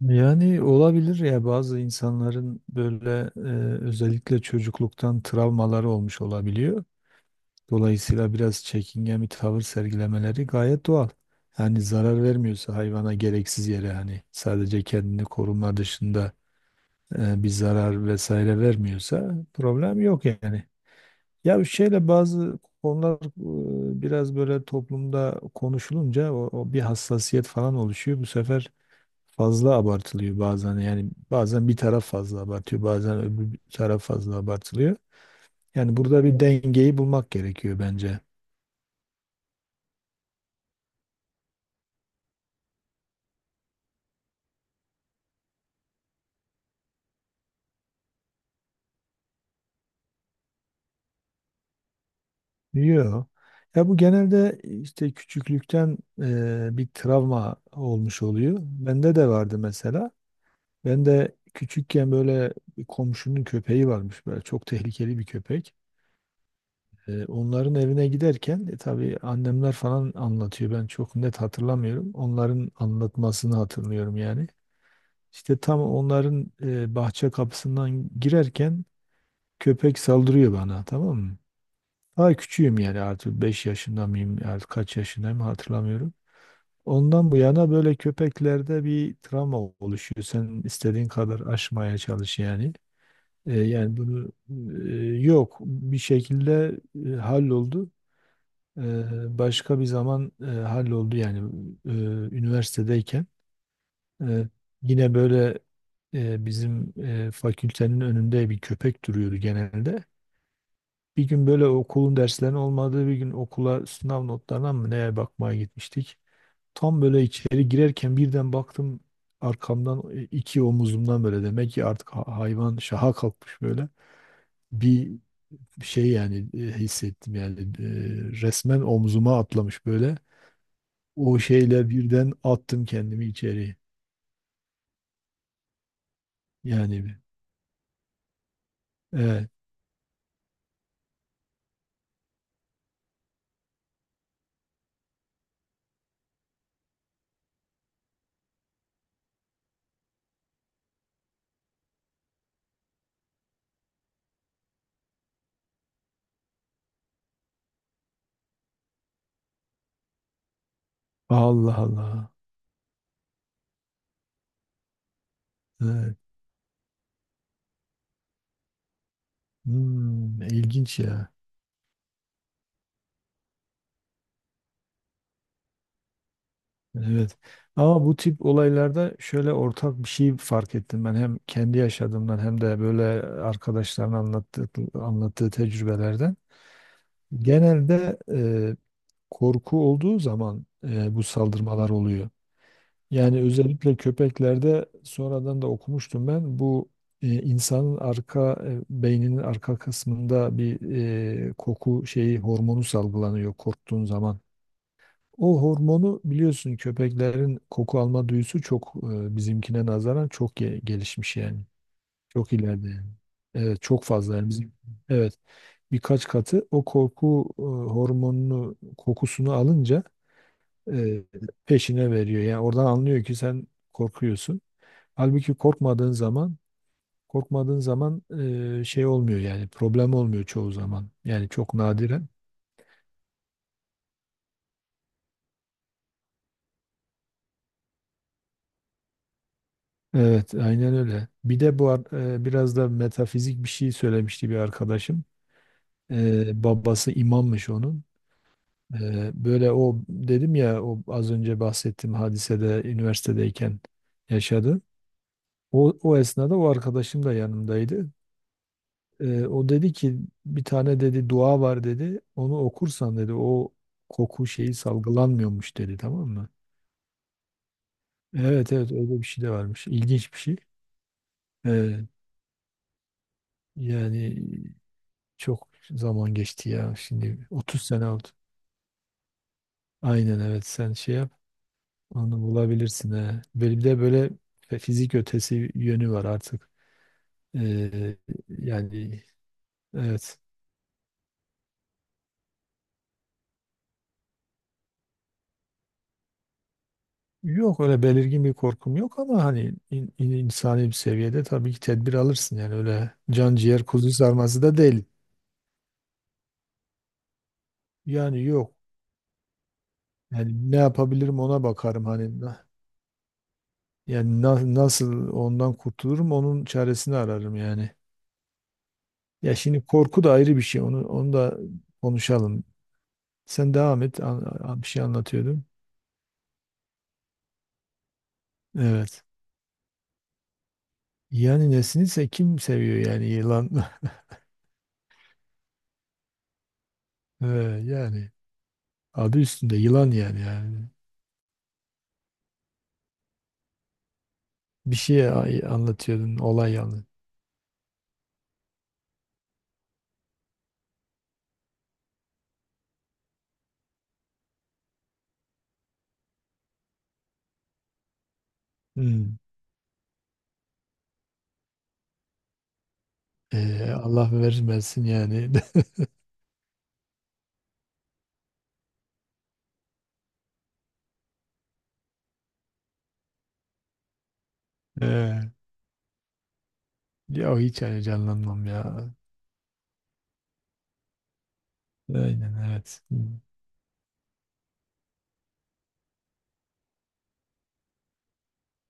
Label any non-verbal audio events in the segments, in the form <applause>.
Yani olabilir ya bazı insanların böyle özellikle çocukluktan travmaları olmuş olabiliyor. Dolayısıyla biraz çekingen bir tavır sergilemeleri gayet doğal. Yani zarar vermiyorsa hayvana gereksiz yere hani sadece kendini koruma dışında bir zarar vesaire vermiyorsa problem yok yani. Ya bir şeyle bazı konular biraz böyle toplumda konuşulunca o bir hassasiyet falan oluşuyor. Bu sefer fazla abartılıyor bazen. Yani bazen bir taraf fazla abartıyor, bazen öbür taraf fazla abartılıyor. Yani burada bir dengeyi bulmak gerekiyor bence. Yok. Ya bu genelde işte küçüklükten bir travma olmuş oluyor. Bende de vardı mesela. Ben de küçükken böyle bir komşunun köpeği varmış böyle çok tehlikeli bir köpek. Onların evine giderken tabii annemler falan anlatıyor. Ben çok net hatırlamıyorum. Onların anlatmasını hatırlıyorum yani. İşte tam onların bahçe kapısından girerken köpek saldırıyor bana, tamam mı? Daha küçüğüm yani artık 5 yaşında mıyım artık kaç yaşındayım hatırlamıyorum. Ondan bu yana böyle köpeklerde bir travma oluşuyor. Sen istediğin kadar aşmaya çalış yani. Yani bunu yok bir şekilde halloldu. E, Başka bir zaman halloldu yani e, üniversitedeyken. Ee, Yine böyle bizim fakültenin önünde bir köpek duruyordu genelde. Bir gün böyle okulun derslerinin olmadığı bir gün okula sınav notlarına mı neye bakmaya gitmiştik. Tam böyle içeri girerken birden baktım arkamdan iki omuzumdan böyle demek ki artık hayvan şaha kalkmış böyle. Bir şey yani hissettim yani resmen omzuma atlamış böyle. O şeyle birden attım kendimi içeri. Yani evet. Allah Allah. Evet. Hmm, ilginç ya. Evet. Ama bu tip olaylarda şöyle ortak bir şey fark ettim ben hem kendi yaşadığımdan hem de böyle arkadaşların anlattığı tecrübelerden. Genelde korku olduğu zaman bu saldırmalar oluyor. Yani özellikle köpeklerde sonradan da okumuştum ben bu insanın arka beyninin arka kısmında bir koku şeyi hormonu salgılanıyor korktuğun zaman. O hormonu biliyorsun köpeklerin koku alma duyusu çok bizimkine nazaran çok gelişmiş yani. Çok ileride yani. Evet çok fazla yani bizim. Evet birkaç katı o korku hormonunu kokusunu alınca e, peşine veriyor. Yani oradan anlıyor ki sen korkuyorsun. Halbuki korkmadığın zaman şey olmuyor yani problem olmuyor çoğu zaman. Yani çok nadiren. Evet, aynen öyle. Bir de bu biraz da metafizik bir şey söylemişti bir arkadaşım. Babası imammış onun. Böyle o dedim ya o az önce bahsettiğim hadisede üniversitedeyken yaşadı. O esnada o arkadaşım da yanımdaydı. O dedi ki bir tane dedi dua var dedi. Onu okursan dedi o koku şeyi salgılanmıyormuş dedi, tamam mı? Evet evet, öyle bir şey de varmış. İlginç bir şey. E, Yani çok zaman geçti ya. Şimdi 30 sene oldu. Aynen evet, sen şey yap. Onu bulabilirsin he. Böyle bir de böyle fizik ötesi yönü var artık. Ee, Yani evet. Yok öyle belirgin bir korkum yok ama hani insani bir seviyede tabii ki tedbir alırsın yani öyle can ciğer kuzu sarması da değil. Yani yok. Yani ne yapabilirim ona bakarım hani yani nasıl ondan kurtulurum onun çaresini ararım yani. Ya şimdi korku da ayrı bir şey. Onu da konuşalım. Sen devam et. Bir şey anlatıyordum. Evet. Yani nesinse kim seviyor yani yılan? <laughs> Ee, Yani adı üstünde yılan yani. Bir şey anlatıyordun olay yani. Hmm. Allah vermesin yani. <laughs> Ee, Ya hiç yani canlanmam ya. Aynen evet. Hmm.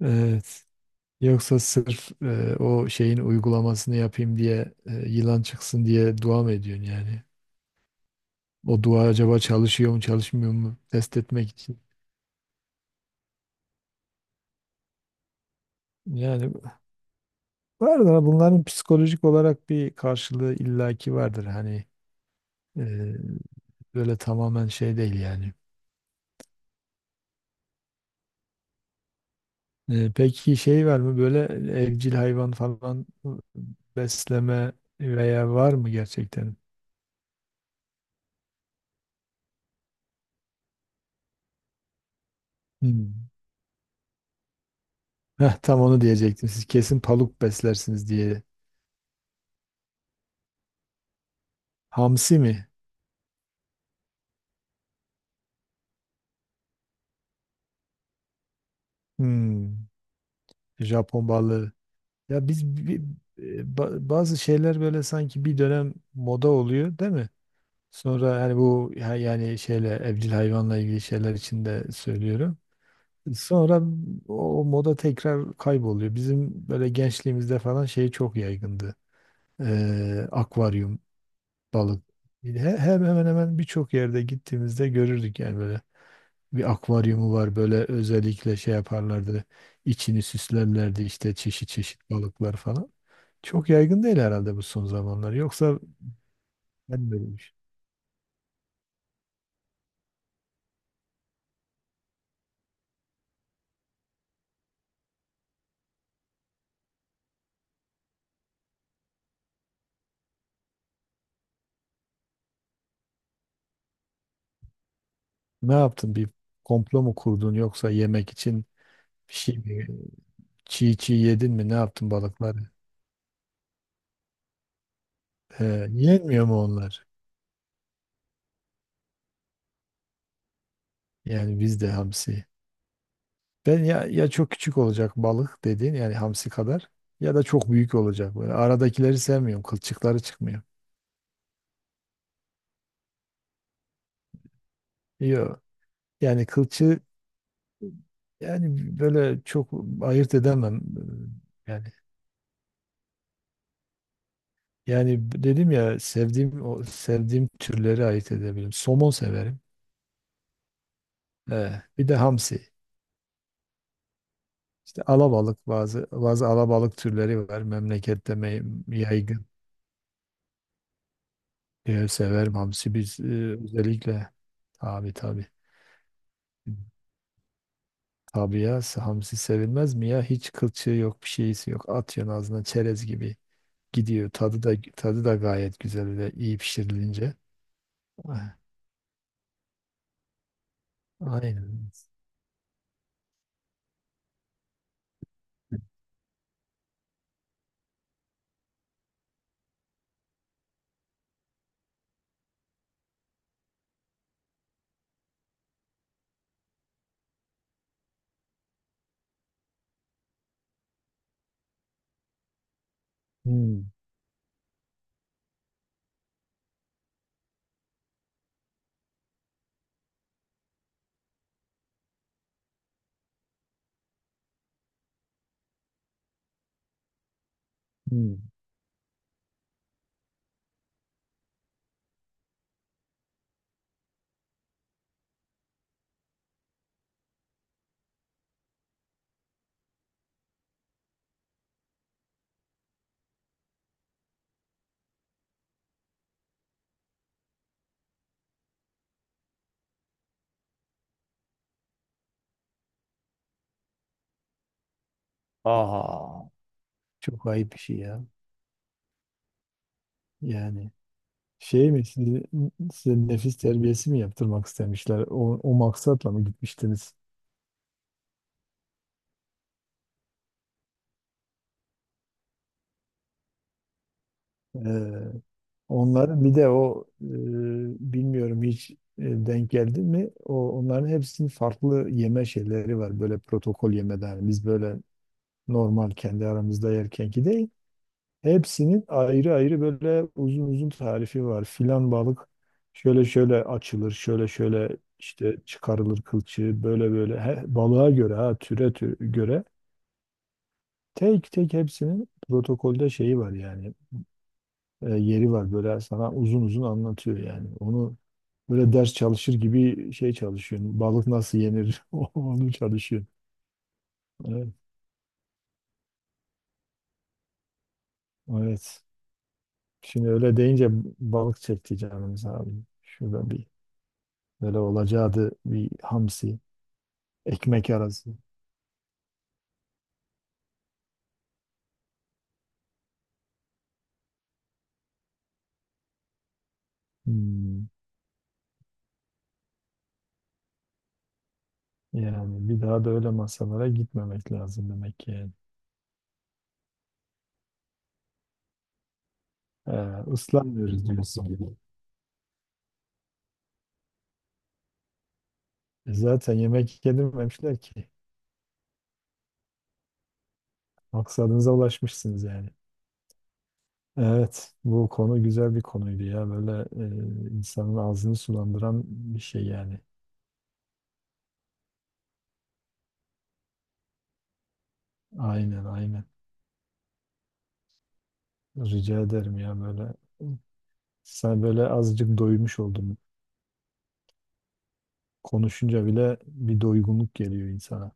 Evet. Yoksa sırf o şeyin uygulamasını yapayım diye yılan çıksın diye dua mı ediyorsun yani? O dua acaba çalışıyor mu çalışmıyor mu test etmek için. Yani vardır ama bunların psikolojik olarak bir karşılığı illaki vardır. Hani e, böyle tamamen şey değil yani. Peki şey var mı böyle evcil hayvan falan besleme veya var mı gerçekten? Hmm. Heh, tam onu diyecektim. Siz kesin paluk beslersiniz diye. Hamsi mi? Hmm. Japon balığı. Ya biz bazı şeyler böyle sanki bir dönem moda oluyor, değil mi? Sonra hani bu yani şeyle evcil hayvanla ilgili şeyler için de söylüyorum. Sonra o moda tekrar kayboluyor. Bizim böyle gençliğimizde falan şey çok yaygındı. Akvaryum, balık. Hem hemen hemen birçok yerde gittiğimizde görürdük yani böyle bir akvaryumu var böyle özellikle şey yaparlardı. İçini süslerlerdi işte çeşit çeşit balıklar falan. Çok yaygın değil herhalde bu son zamanlar. Yoksa ben böyle bir şey- Ne yaptın? Bir komplo mu kurdun yoksa yemek için bir şey mi? Çiğ çiğ yedin mi? Ne yaptın balıkları? He, yenmiyor mu onlar? Yani bizde hamsi. Ben ya çok küçük olacak balık dediğin yani hamsi kadar ya da çok büyük olacak. Böyle aradakileri sevmiyorum. Kılçıkları çıkmıyor. Yok. Yani yani böyle çok ayırt edemem. Yani Yani dedim ya sevdiğim o sevdiğim türleri ayırt edebilirim. Somon severim. He, bir de hamsi. İşte alabalık bazı alabalık türleri var memlekette yaygın. Severim hamsi biz özellikle tabii tabii. Tabii ya hamsi sevilmez mi ya? Hiç kılçığı yok, bir şeysi yok. Atıyorsun ağzına çerez gibi gidiyor. Tadı da gayet güzel öyle iyi pişirilince. Ah, aynen. Hmm, hmm. Aa, çok ayıp bir şey ya. Yani şey mi sizi- size nefis terbiyesi mi yaptırmak istemişler? O maksatla mı gitmiştiniz? Ee, Onların bir de o bilmiyorum hiç denk geldi mi? O onların hepsinin farklı yeme şeyleri var. Böyle protokol yemeden biz böyle normal kendi aramızda yerkenki değil. Hepsinin ayrı ayrı böyle uzun uzun tarifi var. Filan balık şöyle şöyle açılır, şöyle şöyle işte çıkarılır kılçığı, böyle böyle he, balığa göre ha türe göre tek tek hepsinin protokolde şeyi var yani yeri var böyle sana uzun uzun anlatıyor yani. Onu böyle ders çalışır gibi şey çalışıyorsun. Balık nasıl yenir <laughs> onu çalışıyorsun. Evet. Evet. Şimdi öyle deyince balık çekti canımız abi. Şurada bir böyle olacağı da bir hamsi, ekmek arası. Hmm. Yani bir daha da öyle masalara gitmemek lazım demek ki yani. Islanmıyoruz diyorsun. E zaten yemek yedirmemişler ki. Maksadınıza ulaşmışsınız yani. Evet, bu konu güzel bir konuydu ya. Böyle insanın ağzını sulandıran bir şey yani. Aynen, aynen. Rica ederim ya böyle. Sen böyle azıcık doymuş oldum. Konuşunca bile bir doygunluk geliyor insana.